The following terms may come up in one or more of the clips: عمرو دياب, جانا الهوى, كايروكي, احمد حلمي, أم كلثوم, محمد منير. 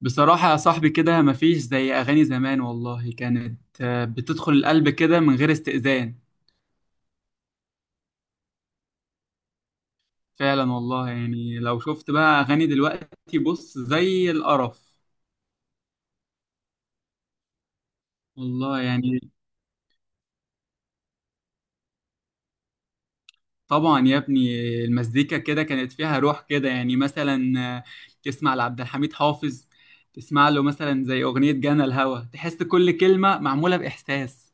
بصراحة يا صاحبي كده، مفيش زي أغاني زمان. والله كانت بتدخل القلب كده من غير استئذان. فعلا والله. يعني لو شفت بقى أغاني دلوقتي، بص زي القرف. والله يعني. طبعا يا ابني، المزيكا كده كانت فيها روح كده. يعني مثلا آه، تسمع لعبد الحميد حافظ، تسمع له مثلا زي أغنية جانا الهوى، تحس كل كلمة معمولة بإحساس.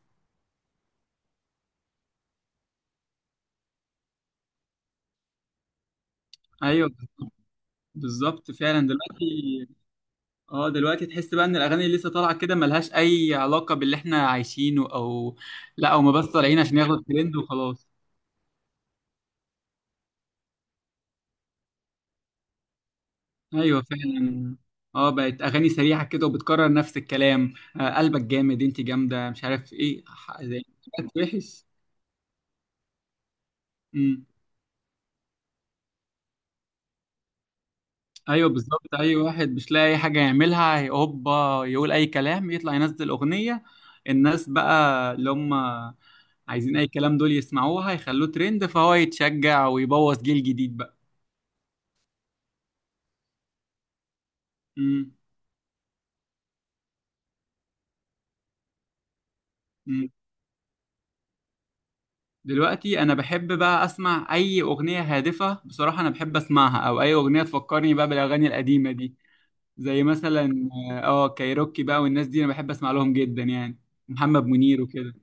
أيوه بالظبط فعلا. دلوقتي تحس بقى ان الاغاني اللي لسه طالعه كده ملهاش اي علاقه باللي احنا عايشينه، او لا، او ما بس طالعين عشان ياخدوا ترند وخلاص. ايوه فعلا. اه بقت اغاني سريعه كده وبتكرر نفس الكلام. قلبك جامد، انت جامده، مش عارف ايه زي. بقت وحش. امم. ايوه بالظبط، اي واحد مش لاقي اي حاجه يعملها هوبا يقول اي كلام، يطلع ينزل اغنيه. الناس بقى اللي هم عايزين اي كلام دول يسمعوها يخلوه ترند، فهو يتشجع ويبوظ جيل جديد بقى. امم. مم. دلوقتي انا بحب بقى اسمع اي اغنيه هادفه. بصراحه انا بحب اسمعها، او اي اغنيه تفكرني بقى بالاغاني القديمه دي. زي مثلا كايروكي بقى والناس دي، انا بحب اسمع لهم جدا يعني. محمد منير وكده.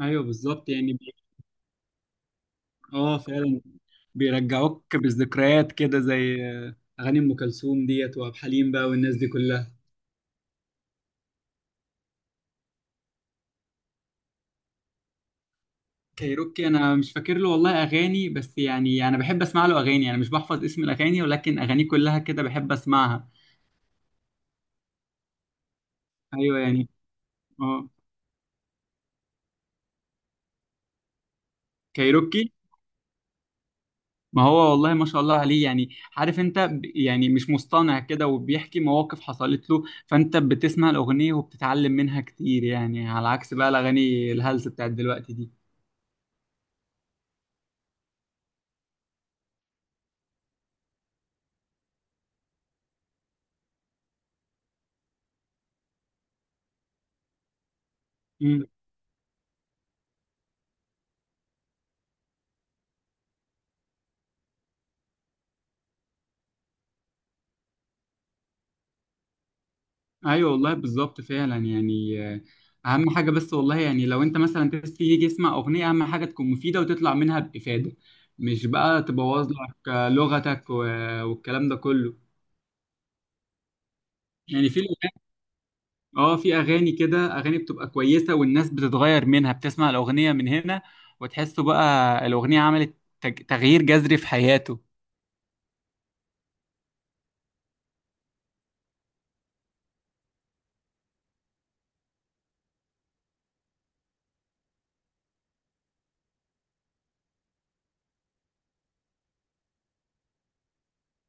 ايوه بالظبط يعني اه فعلا. بيرجعوك بالذكريات كده، زي اغاني ام كلثوم ديت وعبد الحليم بقى، والناس دي كلها. كايروكي. انا مش فاكر له والله اغاني، بس يعني انا بحب اسمع له اغاني. انا مش بحفظ اسم الاغاني، ولكن اغانيه كلها كده بحب اسمعها. ايوه يعني. اه. كايروكي. ما هو والله ما شاء الله عليه يعني. عارف انت يعني مش مصطنع كده، وبيحكي مواقف حصلت له، فانت بتسمع الاغنيه وبتتعلم منها كتير. يعني على عكس بقى الاغاني الهلس بتاعت دلوقتي دي. امم. ايوه والله بالظبط فعلا. يعني اهم حاجه بس، والله يعني لو انت مثلا تيجي يجي يسمع اغنيه، اهم حاجه تكون مفيده وتطلع منها بافاده. مش بقى تبوظ لك لغتك والكلام ده كله. يعني في اغاني كده، اغاني بتبقى كويسه والناس بتتغير منها. بتسمع الاغنيه من هنا، وتحسه بقى، الاغنيه عملت تغيير جذري في حياته.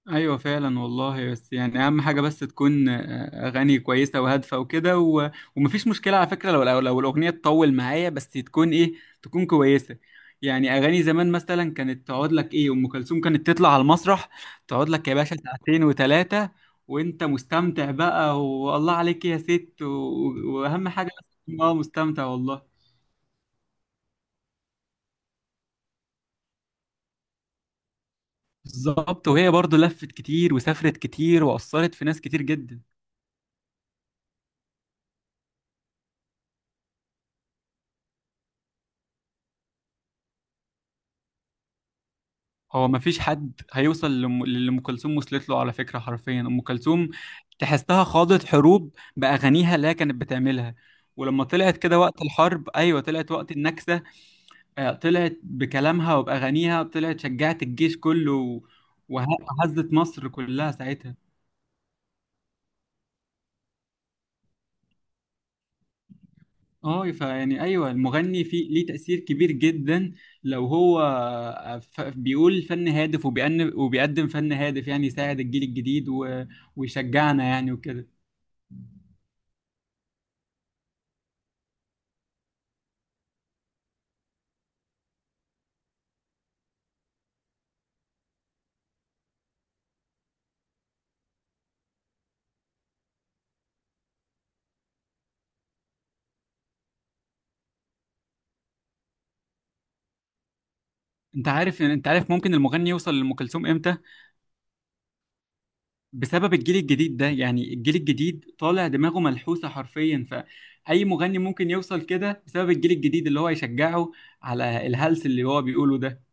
ايوه فعلا والله. بس يعني اهم حاجه بس تكون اغاني كويسه وهادفه وكده ومفيش مشكله على فكره، لو الاغنيه تطول معايا، بس تكون ايه، تكون كويسه. يعني اغاني زمان مثلا كانت تقعد لك ايه، ام كلثوم كانت تطلع على المسرح تقعد لك يا باشا ساعتين وثلاثه، وانت مستمتع بقى. والله عليك يا ست واهم حاجه بس تكون مستمتع والله. بالظبط. وهي برضو لفت كتير وسافرت كتير واثرت في ناس كتير جدا. هو ما فيش حد هيوصل للي ام كلثوم وصلت له على فكره. حرفيا ام كلثوم تحسها خاضت حروب باغانيها اللي هي كانت بتعملها. ولما طلعت كده وقت الحرب، ايوه طلعت وقت النكسه، طلعت بكلامها وباغانيها، طلعت شجعت الجيش كله وه- وهزت مصر كلها ساعتها. اه فيعني ايوه، المغني في ليه تاثير كبير جدا. لو هو بيقول فن هادف، وبيقدم فن هادف، يعني يساعد الجيل الجديد ويشجعنا يعني وكده. انت عارف ممكن المغني يوصل لأم كلثوم امتى؟ بسبب الجيل الجديد ده. يعني الجيل الجديد طالع دماغه ملحوسة حرفيا، فأي مغني ممكن يوصل كده بسبب الجيل الجديد اللي هو يشجعه على الهلس اللي هو بيقوله ده.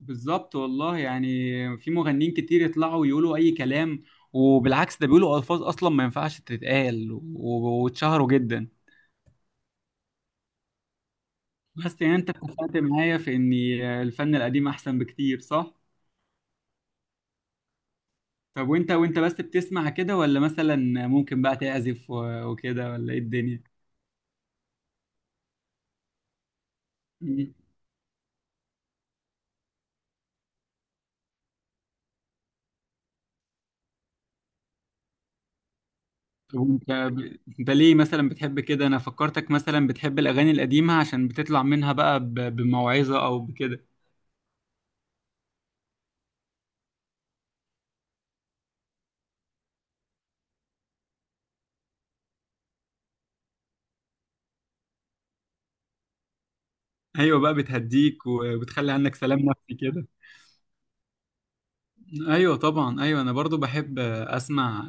بالظبط والله. يعني في مغنيين كتير يطلعوا يقولوا أي كلام، وبالعكس ده بيقولوا ألفاظ أصلا ما ينفعش تتقال واتشهروا جدا. بس يعني انت اتفقت معايا في ان الفن القديم احسن بكتير، صح؟ طب وانت بس بتسمع كده، ولا مثلا ممكن بقى تعزف وكده، ولا ايه الدنيا؟ مم. طب انت ليه مثلا بتحب كده؟ انا فكرتك مثلا بتحب الاغاني القديمة عشان بتطلع منها بقى بموعظة او بكده. ايوه بقى، بتهديك وبتخلي عنك سلام نفسي كده. ايوه طبعا ايوه، انا برضو بحب اسمع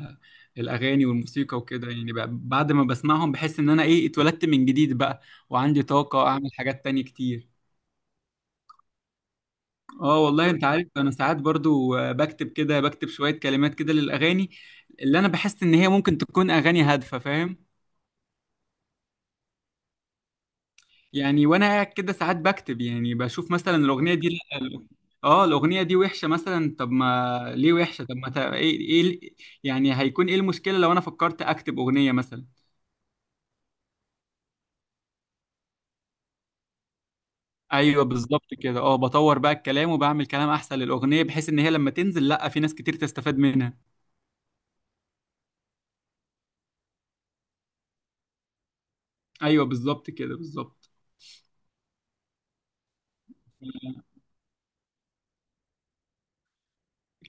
الاغاني والموسيقى وكده. يعني بعد ما بسمعهم بحس ان انا ايه اتولدت من جديد بقى، وعندي طاقة اعمل حاجات تانية كتير. اه والله. انت عارف انا ساعات برضو بكتب كده، بكتب شوية كلمات كده للاغاني اللي انا بحس ان هي ممكن تكون اغاني هادفة، فاهم؟ يعني وانا قاعد كده ساعات بكتب، يعني بشوف مثلا الاغنية دي لا، اه الاغنية دي وحشة مثلا. طب ما ليه وحشة؟ طب ما ايه ايه، يعني هيكون ايه المشكلة لو انا فكرت اكتب اغنية مثلا؟ ايوه بالظبط كده. اه بطور بقى الكلام وبعمل كلام احسن للاغنية، بحيث ان هي لما تنزل، لا في ناس كتير تستفاد منها. ايوه بالظبط كده بالظبط.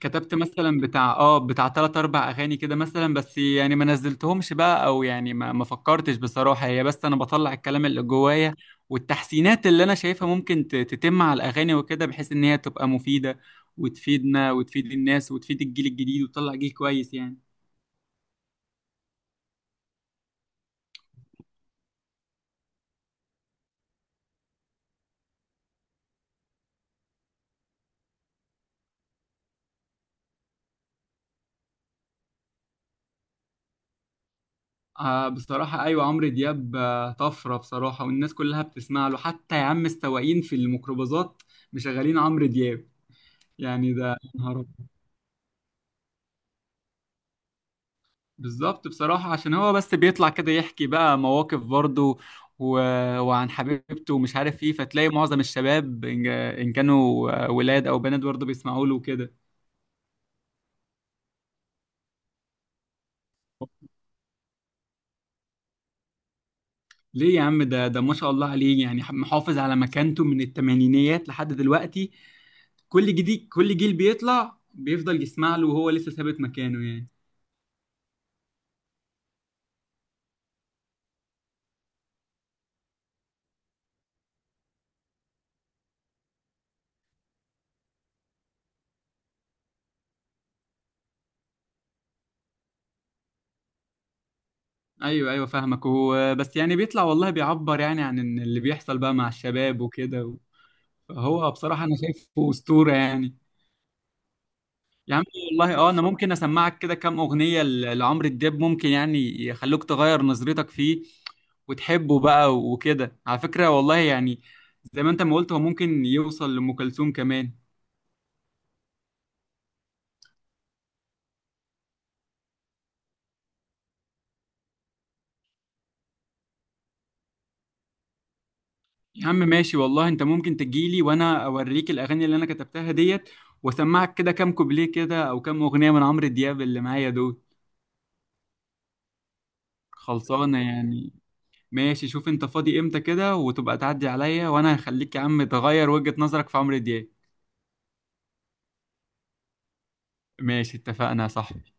كتبت مثلا بتاع بتاع تلات اربع اغاني كده مثلا. بس يعني ما نزلتهمش بقى، او يعني ما فكرتش بصراحة. هي بس انا بطلع الكلام اللي جوايا، والتحسينات اللي انا شايفها ممكن تتم على الاغاني وكده، بحيث ان هي تبقى مفيدة وتفيدنا وتفيد الناس وتفيد الجيل الجديد وتطلع جيل كويس يعني. بصراحة أيوة، عمرو دياب طفرة بصراحة، والناس كلها بتسمع له حتى يا عم السواقين في الميكروباصات مشغلين عمرو دياب. يعني ده بالظبط بصراحة، عشان هو بس بيطلع كده يحكي بقى مواقف برضه و... وعن حبيبته ومش عارف ايه، فتلاقي معظم الشباب إن كانوا ولاد أو بنات برضه بيسمعوا له كده. ليه يا عم؟ ده ما شاء الله عليه، يعني محافظ على مكانته من التمانينيات لحد دلوقتي. كل جديد كل جيل بيطلع بيفضل يسمع له، وهو لسه ثابت مكانه يعني. ايوه ايوه فاهمك، هو بس يعني بيطلع والله بيعبر يعني عن إن اللي بيحصل بقى مع الشباب وكده. هو بصراحة أنا شايفه أسطورة يعني. يا عم والله. اه انا ممكن اسمعك كده كام اغنيه لعمرو دياب، ممكن يعني يخلوك تغير نظرتك فيه وتحبه بقى وكده على فكره. والله يعني زي ما انت ما قلت، هو ممكن يوصل لام كلثوم كمان. يا عم ماشي والله، انت ممكن تجيلي وانا اوريك الاغاني اللي انا كتبتها ديت، واسمعك كده كام كوبليه كده او كام اغنيه من عمرو دياب اللي معايا دول. خلصانه يعني. ماشي، شوف انت فاضي امتى كده وتبقى تعدي عليا، وانا هخليك يا عم تغير وجهه نظرك في عمرو دياب. ماشي اتفقنا يا صاحبي.